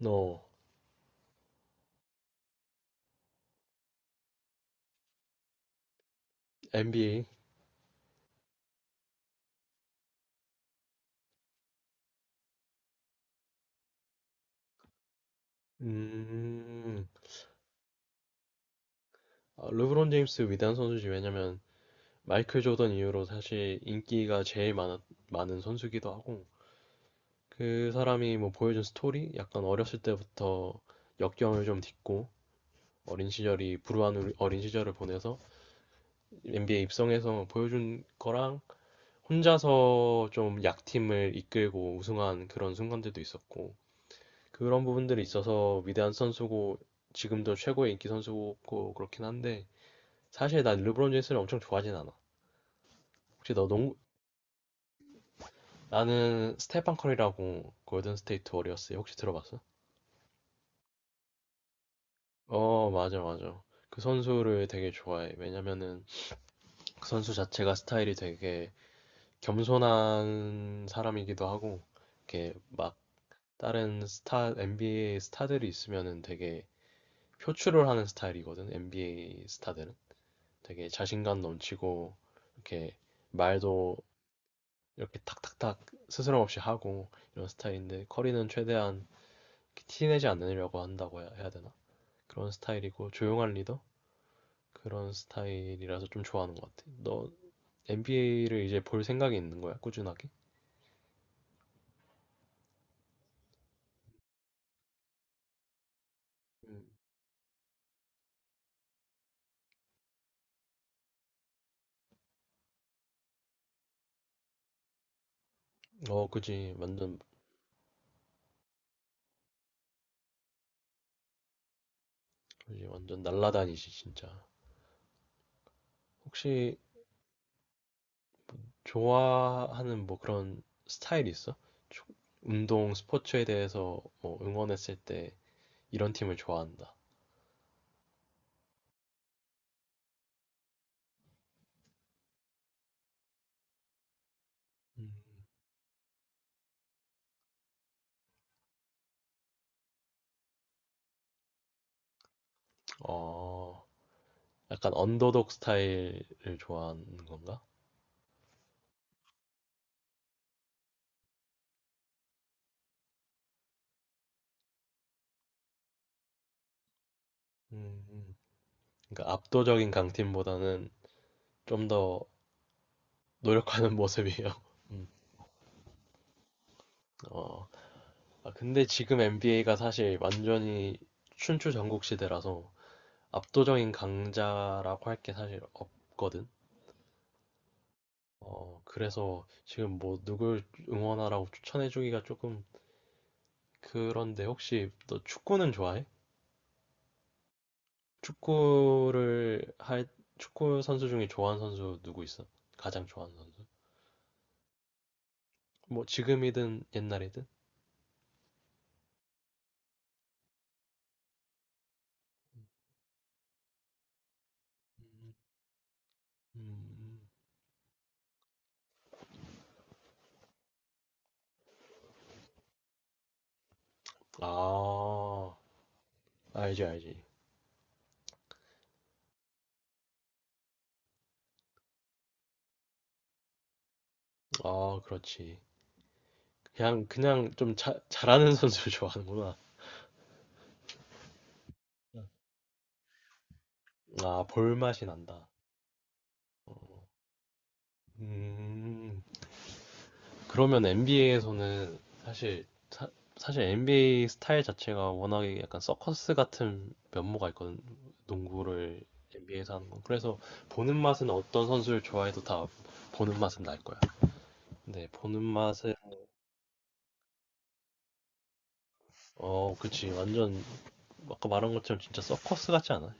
No. NBA. 음, 아, 르브론 제임스 위대한 선수지. 왜냐면, 마이클 조던 이후로 사실 인기가 제일 많은 선수기도 하고, 그 사람이 뭐 보여준 스토리? 약간 어렸을 때부터 역경을 좀 딛고, 어린 시절이, 불우한 어린 시절을 보내서 NBA 입성해서 보여준 거랑, 혼자서 좀 약팀을 이끌고 우승한 그런 순간들도 있었고, 그런 부분들이 있어서 위대한 선수고, 지금도 최고의 인기 선수고, 그렇긴 한데, 사실 난 르브론 제임스를 엄청 좋아하진 않아. 혹시 너 농구 나는 스테판 커리라고 골든 스테이트 워리어스 혹시 들어봤어? 어, 맞아, 맞아. 그 선수를 되게 좋아해. 왜냐면은 그 선수 자체가 스타일이 되게 겸손한 사람이기도 하고, 이렇게 막 NBA 스타들이 있으면은 되게 표출을 하는 스타일이거든, NBA 스타들은. 되게 자신감 넘치고, 이렇게 말도 이렇게 탁탁탁 스스럼 없이 하고 이런 스타일인데 커리는 최대한 티 내지 않으려고 한다고 해야 되나? 그런 스타일이고 조용한 리더? 그런 스타일이라서 좀 좋아하는 것 같아. 너 NBA를 이제 볼 생각이 있는 거야? 꾸준하게? 어, 그지. 완전, 그지. 완전 날라다니지, 진짜. 혹시 좋아하는 뭐 그런 스타일이 있어? 조- 운동, 스포츠에 대해서 뭐 응원했을 때 이런 팀을 좋아한다. 음. 어, 약간 언더독 스타일을 좋아하는 건가? 음, 음. 그러니까 압도적인 강팀보다는 좀 더 노력하는 모습이에요. 음, 어. 아, 근데 지금 NBA가 사실 완전히 춘추 전국 시대라서 압도적인 강자라고 할 게 사실 없거든. 어, 그래서 지금 뭐 누굴 응원하라고 추천해주기가 조금 그런데, 혹시 너 축구는 좋아해? 축구를 할, 축구 선수 중에 좋아하는 선수 누구 있어? 가장 좋아하는 선수? 뭐, 지금이든 옛날이든? 음, 아, 알지, 알지. 아, 그렇지. 그냥 좀 잘하는 선수를 좋아하는구나. 아, 볼맛이 난다. 어. 음, 그러면 NBA에서는 사실 사, 실 NBA 스타일 자체가 워낙에 약간 서커스 같은 면모가 있거든. 농구를 NBA에서 하는 건. 그래서 보는 맛은 어떤 선수를 좋아해도 다 보는 맛은 날 거야. 네, 보는 맛은 어, 그치. 완전 아까 말한 것처럼 진짜 서커스 같지 않아?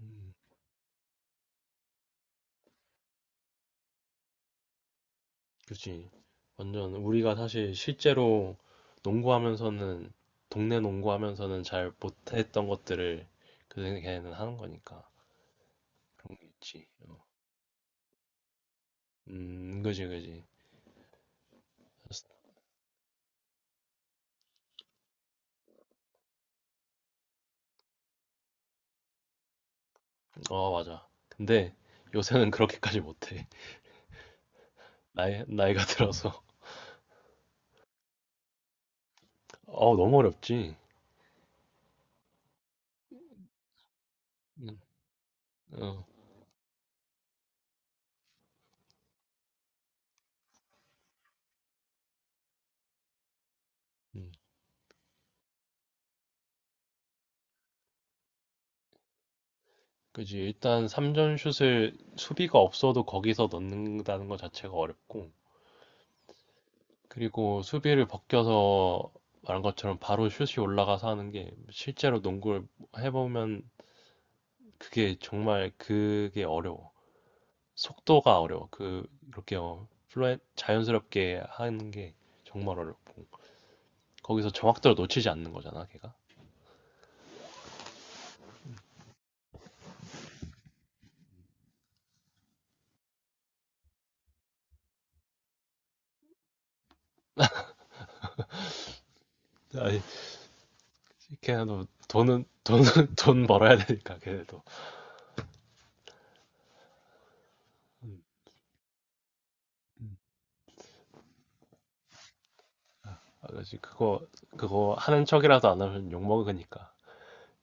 음, 그치. 완전 우리가 사실 실제로 농구하면서는 동네 농구하면서는 잘 못했던 것들을 그 걔는 하는 거니까 그런 게 있지. 그지, 그지. 어, 맞아. 근데 요새는 그렇게까지 못해. 나이가 들어서. 어, 너무 어렵지. 음, 어, 음. 그지. 일단 3점 슛을 수비가 없어도 거기서 넣는다는 것 자체가 어렵고. 그리고 수비를 벗겨서 말한 것처럼 바로 슛이 올라가서 하는 게 실제로 농구를 해보면 그게 정말 그게 어려워. 속도가 어려워. 그렇게 어, 플루 자연스럽게 하는 게 정말 어렵고. 거기서 정확도를 놓치지 않는 거잖아, 걔가. 아니, 걔네도 돈 벌어야 되니까, 걔네도. 음, 음. 아, 그렇지. 그거 하는 척이라도 안 하면 욕먹으니까.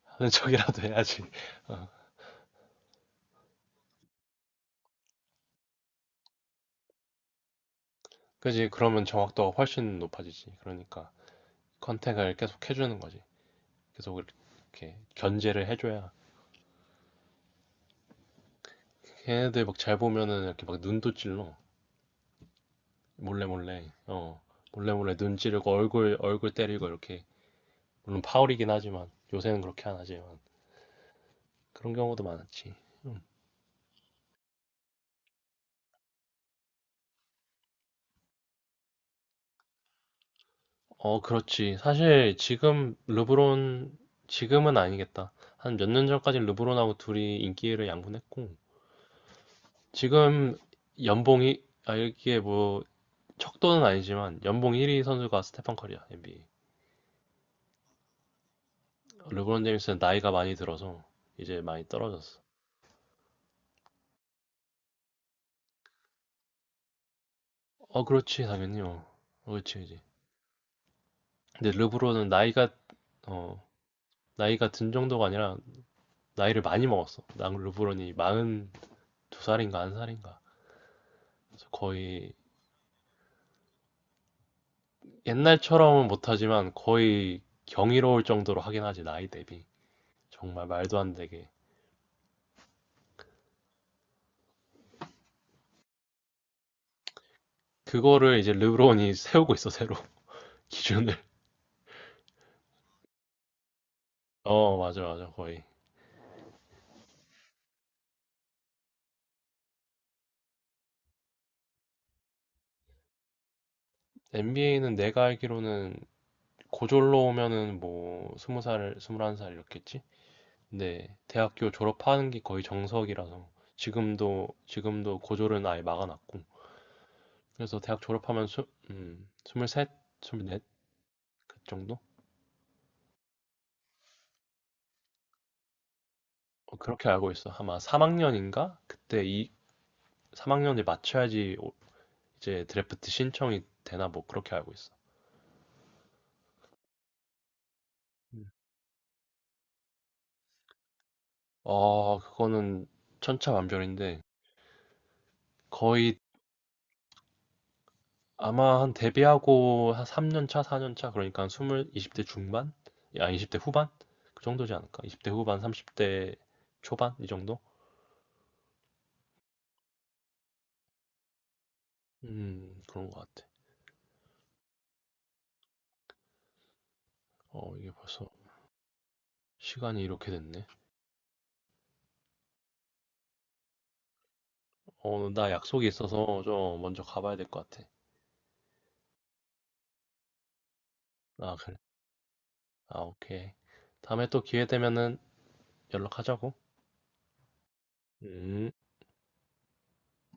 하는 척이라도 해야지. 어. 그지? 그러면 정확도가 훨씬 높아지지. 그러니까 컨택을 계속 해주는 거지. 계속 이렇게 견제를 해줘야. 걔네들 막 잘 보면은 이렇게 막 눈도 찔러. 몰래 몰래. 어. 몰래 몰래 눈 찌르고 얼굴 때리고 이렇게. 물론 파울이긴 하지만 요새는 그렇게 안 하지만 그런 경우도 많았지. 어, 그렇지. 사실 지금 르브론 지금은 아니겠다. 한 몇 년 전까지 르브론하고 둘이 인기를 양분했고 지금 연봉이, 아 이게 뭐 척도는 아니지만, 연봉 1위 선수가 스테판 커리야 NBA. 르브론 제임스는 나이가 많이 들어서 이제 많이 떨어졌어. 어, 그렇지 당연히 어. 어, 그렇지 그지. 근데 르브론은 나이가 어 나이가 든 정도가 아니라 나이를 많이 먹었어. 난 르브론이 42살인가 1살인가 그래서 거의 옛날처럼은 못하지만 거의 경이로울 정도로 하긴 하지 나이 대비 정말 말도 안 되게. 그거를 이제 르브론이 세우고 있어 새로 기준을. 어 맞아 맞아 거의. NBA는 내가 알기로는 고졸로 오면은 뭐 스무 살 스물한 살 이렇겠지 근데 대학교 졸업하는 게 거의 정석이라서 지금도 고졸은 아예 막아놨고 그래서 대학 졸업하면 스물셋 스물넷 그 정도. 어, 그렇게 알고 있어. 아마 3학년인가? 그때 이 3학년에 맞춰야지 이제 드래프트 신청이 되나 뭐 그렇게 알고 있어. 음. 어, 그거는 천차만별인데 거의 아마 한 데뷔하고 한 3년 차, 4년 차 그러니까 20대 중반? 아, 20대 후반? 그 정도지 않을까? 20대 후반, 30대 초반 이 정도? 그런 것 같아. 어, 이게 벌써 시간이 이렇게 됐네. 어, 나 약속이 있어서 좀 먼저 가봐야 될 것 같아. 아, 그래. 아, 오케이. 다음에 또 기회 되면은 연락하자고. 음.